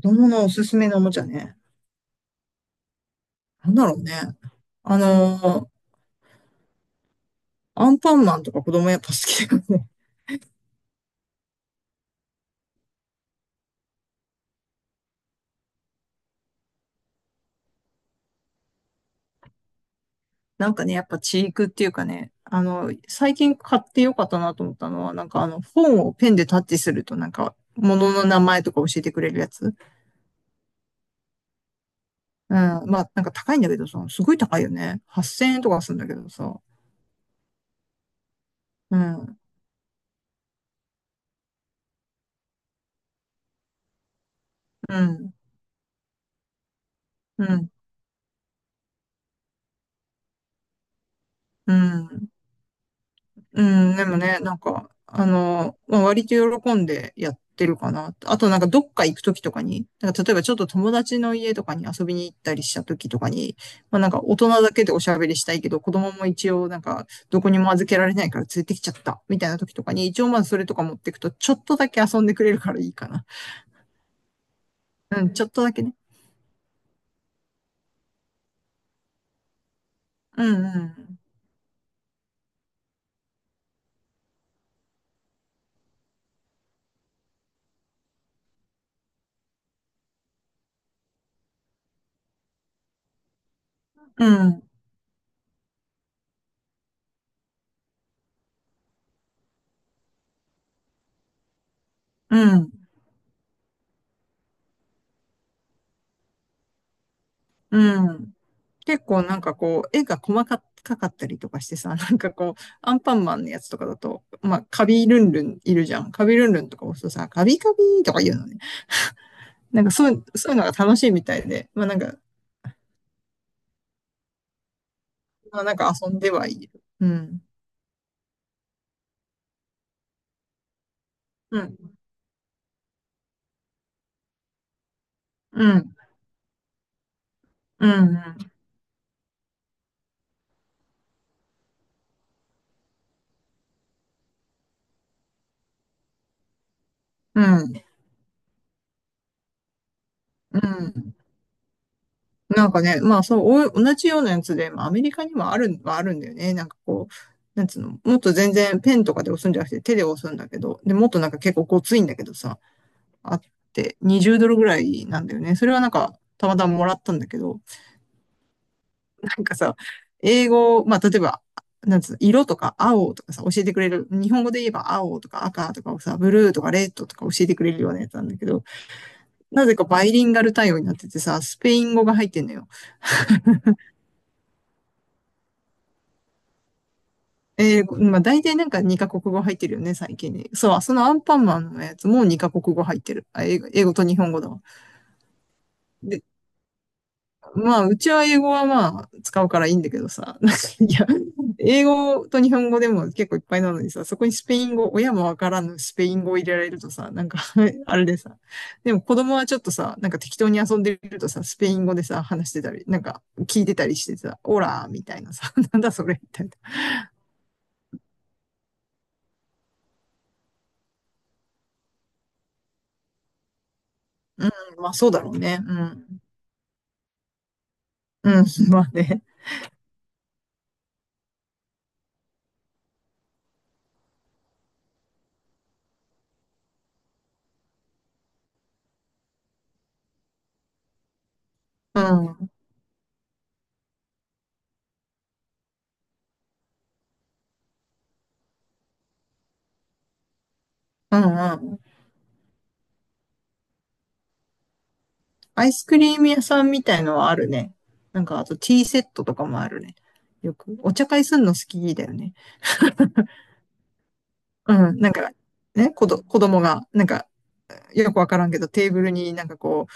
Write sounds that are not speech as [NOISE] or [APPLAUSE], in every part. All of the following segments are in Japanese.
子供のおすすめのおもちゃね。なんだろうね。あの、アンパンマンとか子供やっぱ好きだよね。[LAUGHS] なんかね、やっぱチークっていうかね、最近買ってよかったなと思ったのは、本をペンでタッチするとなんか、物の名前とか教えてくれるやつ。うん。まあ、なんか高いんだけどさ、すごい高いよね。8000円とかするんだけどさ。うん。うん。うん。うん。うん、でもね、割と喜んでやってるかな。あとなんかどっか行くときとかに、なんか例えばちょっと友達の家とかに遊びに行ったりしたときとかに、まあなんか大人だけでおしゃべりしたいけど、子供も一応なんかどこにも預けられないから連れてきちゃった、みたいなときとかに、一応まずそれとか持ってくと、ちょっとだけ遊んでくれるからいいかな。うん、ちょっとだけね。うん、うん、うん、うん、うん。結構なんかこう、絵が細かかったりとかしてさ、なんかこう、アンパンマンのやつとかだと、まあ、カビルンルンいるじゃん。カビルンルンとか押すとさ、カビカビとか言うのね。なんかそう、そういうのが楽しいみたいで、まあなんか、まあなんか遊んではいる。うん。うん。うん。うん。うん。うん。なんかね、まあそう、お同じようなやつで、まあアメリカにもある、はあるんだよね。なんかこう、なんつうの、もっと全然ペンとかで押すんじゃなくて手で押すんだけど、で、もっとなんか結構ごついんだけどさ、あって、20ドルぐらいなんだよね。それはなんか、たまたまもらったんだけど、なんかさ、英語、まあ、例えば、なんつうの、色とか青とかさ、教えてくれる。日本語で言えば青とか赤とかをさ、ブルーとかレッドとか教えてくれるようなやつなんだけど、なぜかバイリンガル対応になっててさ、スペイン語が入ってんのよ。まあ大体なんか2カ国語入ってるよね、最近に。そう、そのアンパンマンのやつも2カ国語入ってる。あ、英語、英語と日本語だわ。で、まあ、うちは英語はまあ、使うからいいんだけどさ、[LAUGHS] なんか、いや、英語と日本語でも結構いっぱいなのにさ、そこにスペイン語、親もわからぬスペイン語を入れられるとさ、なんか [LAUGHS] あれでさ、でも子供はちょっとさ、なんか適当に遊んでるとさ、スペイン語でさ、話してたり、なんか聞いてたりしてさ、オラーみたいなさ、[LAUGHS] なんだそれみたいな。うん、まあそうだろうね。うん。うん、まあね。うん、うん、うん。アイスクリーム屋さんみたいのはあるね。なんか、あとティーセットとかもあるね。よく、お茶会すんの好きだよね。うん、なんか、ね、子供が、なんか、よくわからんけど、テーブルになんかこ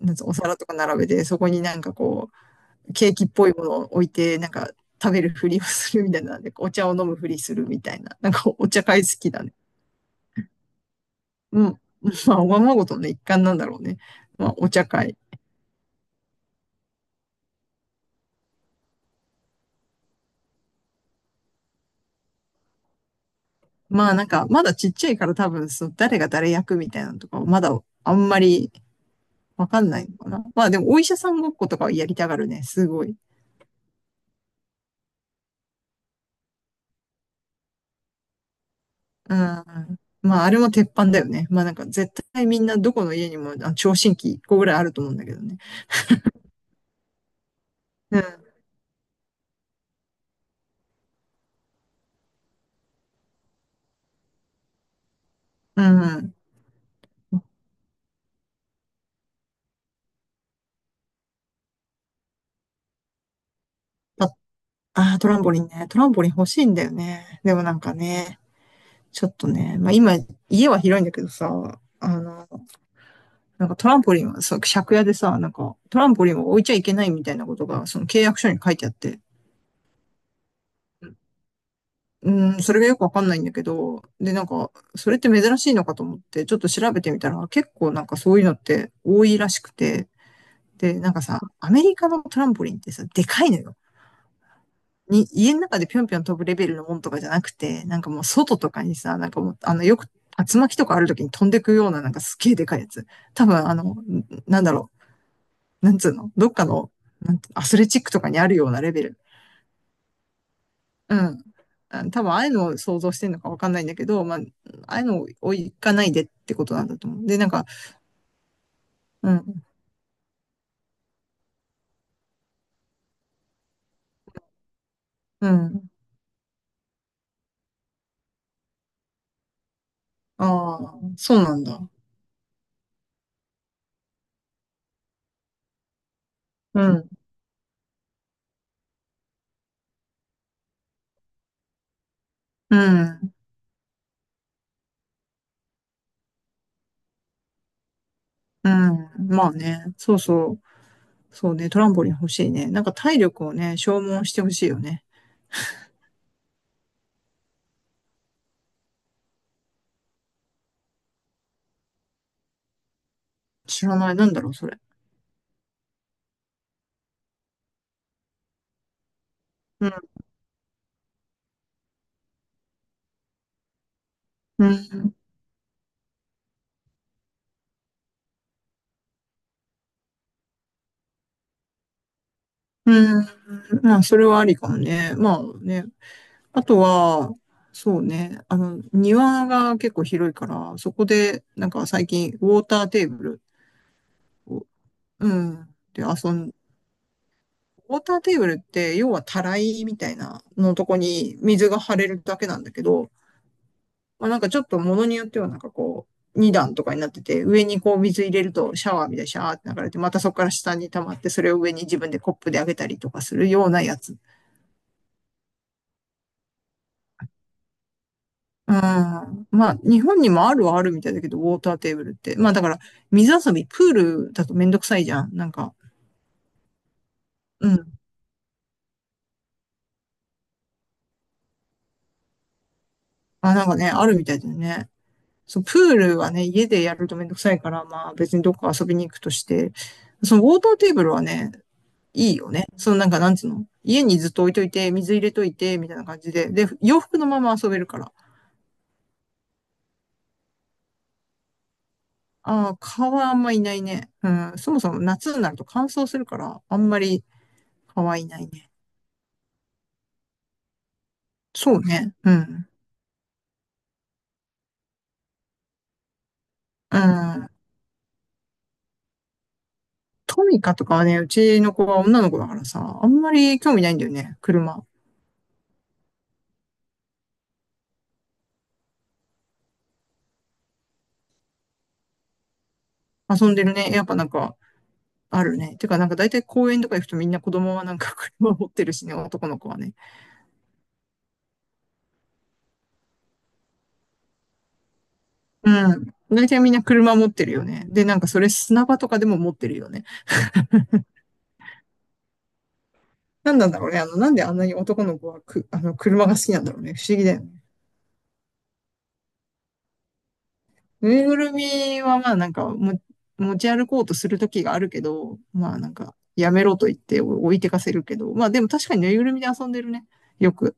う、なんつうのお皿とか並べて、そこにケーキっぽいものを置いて、なんか、食べるふりをするみたいな、でお茶を飲むふりするみたいな、なんかお茶会好きだね。うん。まあ、おままごとの一環なんだろうね。まあ、お茶会。まあなんか、まだちっちゃいから多分、そう、誰が誰役みたいなのとか、まだあんまりわかんないのかな。まあでも、お医者さんごっことかはやりたがるね、すごい。うん。まあ、あれも鉄板だよね。まあなんか、絶対みんなどこの家にも、あ、聴診器1個ぐらいあると思うんだけどね。うん。うん。あ、あー、トランポリンね。トランポリン欲しいんだよね。でもなんかね、ちょっとね、まあ今、家は広いんだけどさ、なんかトランポリンはさ、借家でさ、なんかトランポリンを置いちゃいけないみたいなことが、その契約書に書いてあって、うん、それがよくわかんないんだけど、で、なんか、それって珍しいのかと思って、ちょっと調べてみたら、結構なんかそういうのって多いらしくて、で、なんかさ、アメリカのトランポリンってさ、でかいのよ。に、家の中でぴょんぴょん飛ぶレベルのもんとかじゃなくて、なんかもう外とかにさ、なんかもう、あの、よく竜巻とかある時に飛んでくような、なんかすっげえでかいやつ。多分、なんだろなんつうのどっかの、なんアスレチックとかにあるようなレベル。うん。うん多分ああいうのを想像してるのかわかんないんだけど、まあ、ああいうのを行かないでってことなんだと思う。で、なんか、うん、うん。ああ、そうなんだ。うん、うん、うん。まあね、そうそう。そうね、トランポリン欲しいね。なんか体力をね、消耗してほしいよね。知らない。なんだろう、それ。うん。うん。うん。まあ、それはありかもね。まあね、あとは、そうね、庭が結構広いから、そこで、なんか最近、ウォーターテーブルを、うん、で遊ん、ウォーターテーブルって、要はたらいみたいなのとこに水が張れるだけなんだけど、まあ、なんかちょっと物によっては2段とかになってて、上にこう水入れるとシャワーみたいにシャーって流れて、またそこから下に溜まって、それを上に自分でコップであげたりとかするようなやつ。うん。まあ、日本にもあるはあるみたいだけど、ウォーターテーブルって。まあ、だから、水遊び、プールだとめんどくさいじゃん。なんか、うん。まあ、なんかね、あるみたいだよね。そう、プールはね、家でやるとめんどくさいから、まあ、別にどっか遊びに行くとして、そのウォーターテーブルはね、いいよね。そのなんか、なんつうの家にずっと置いといて、水入れといて、みたいな感じで。で、洋服のまま遊べるから。ああ、蚊はあんまいないね。うん。そもそも夏になると乾燥するから、あんまり蚊はいないね。そうね。うん。うん。トミカとかはね、うちの子は女の子だからさ、あんまり興味ないんだよね、車。遊んでるね。やっぱなんか、あるね。てか、なんか大体公園とか行くとみんな子供はなんか [LAUGHS] 車持ってるしね、男の子はね。うん。大体みんな車持ってるよね。で、なんかそれ砂場とかでも持ってるよね。なんなんだろうね。なんであんなに男の子はく、車が好きなんだろうね。不思議だよね。ぬいぐるみはまあなんかも持ち歩こうとする時があるけど、まあなんかやめろと言って置いてかせるけど、まあでも確かにぬいぐるみで遊んでるね。よく。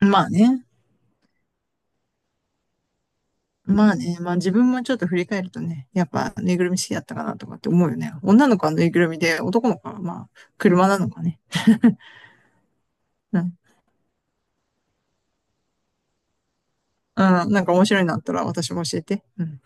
まあね。まあね。まあ自分もちょっと振り返るとね、やっぱぬいぐるみ好きだったかなとかって思うよね。女の子はぬいぐるみで、男の子はまあ車なのかね。うん。うん。なんか面白いのあったら私も教えて。うん。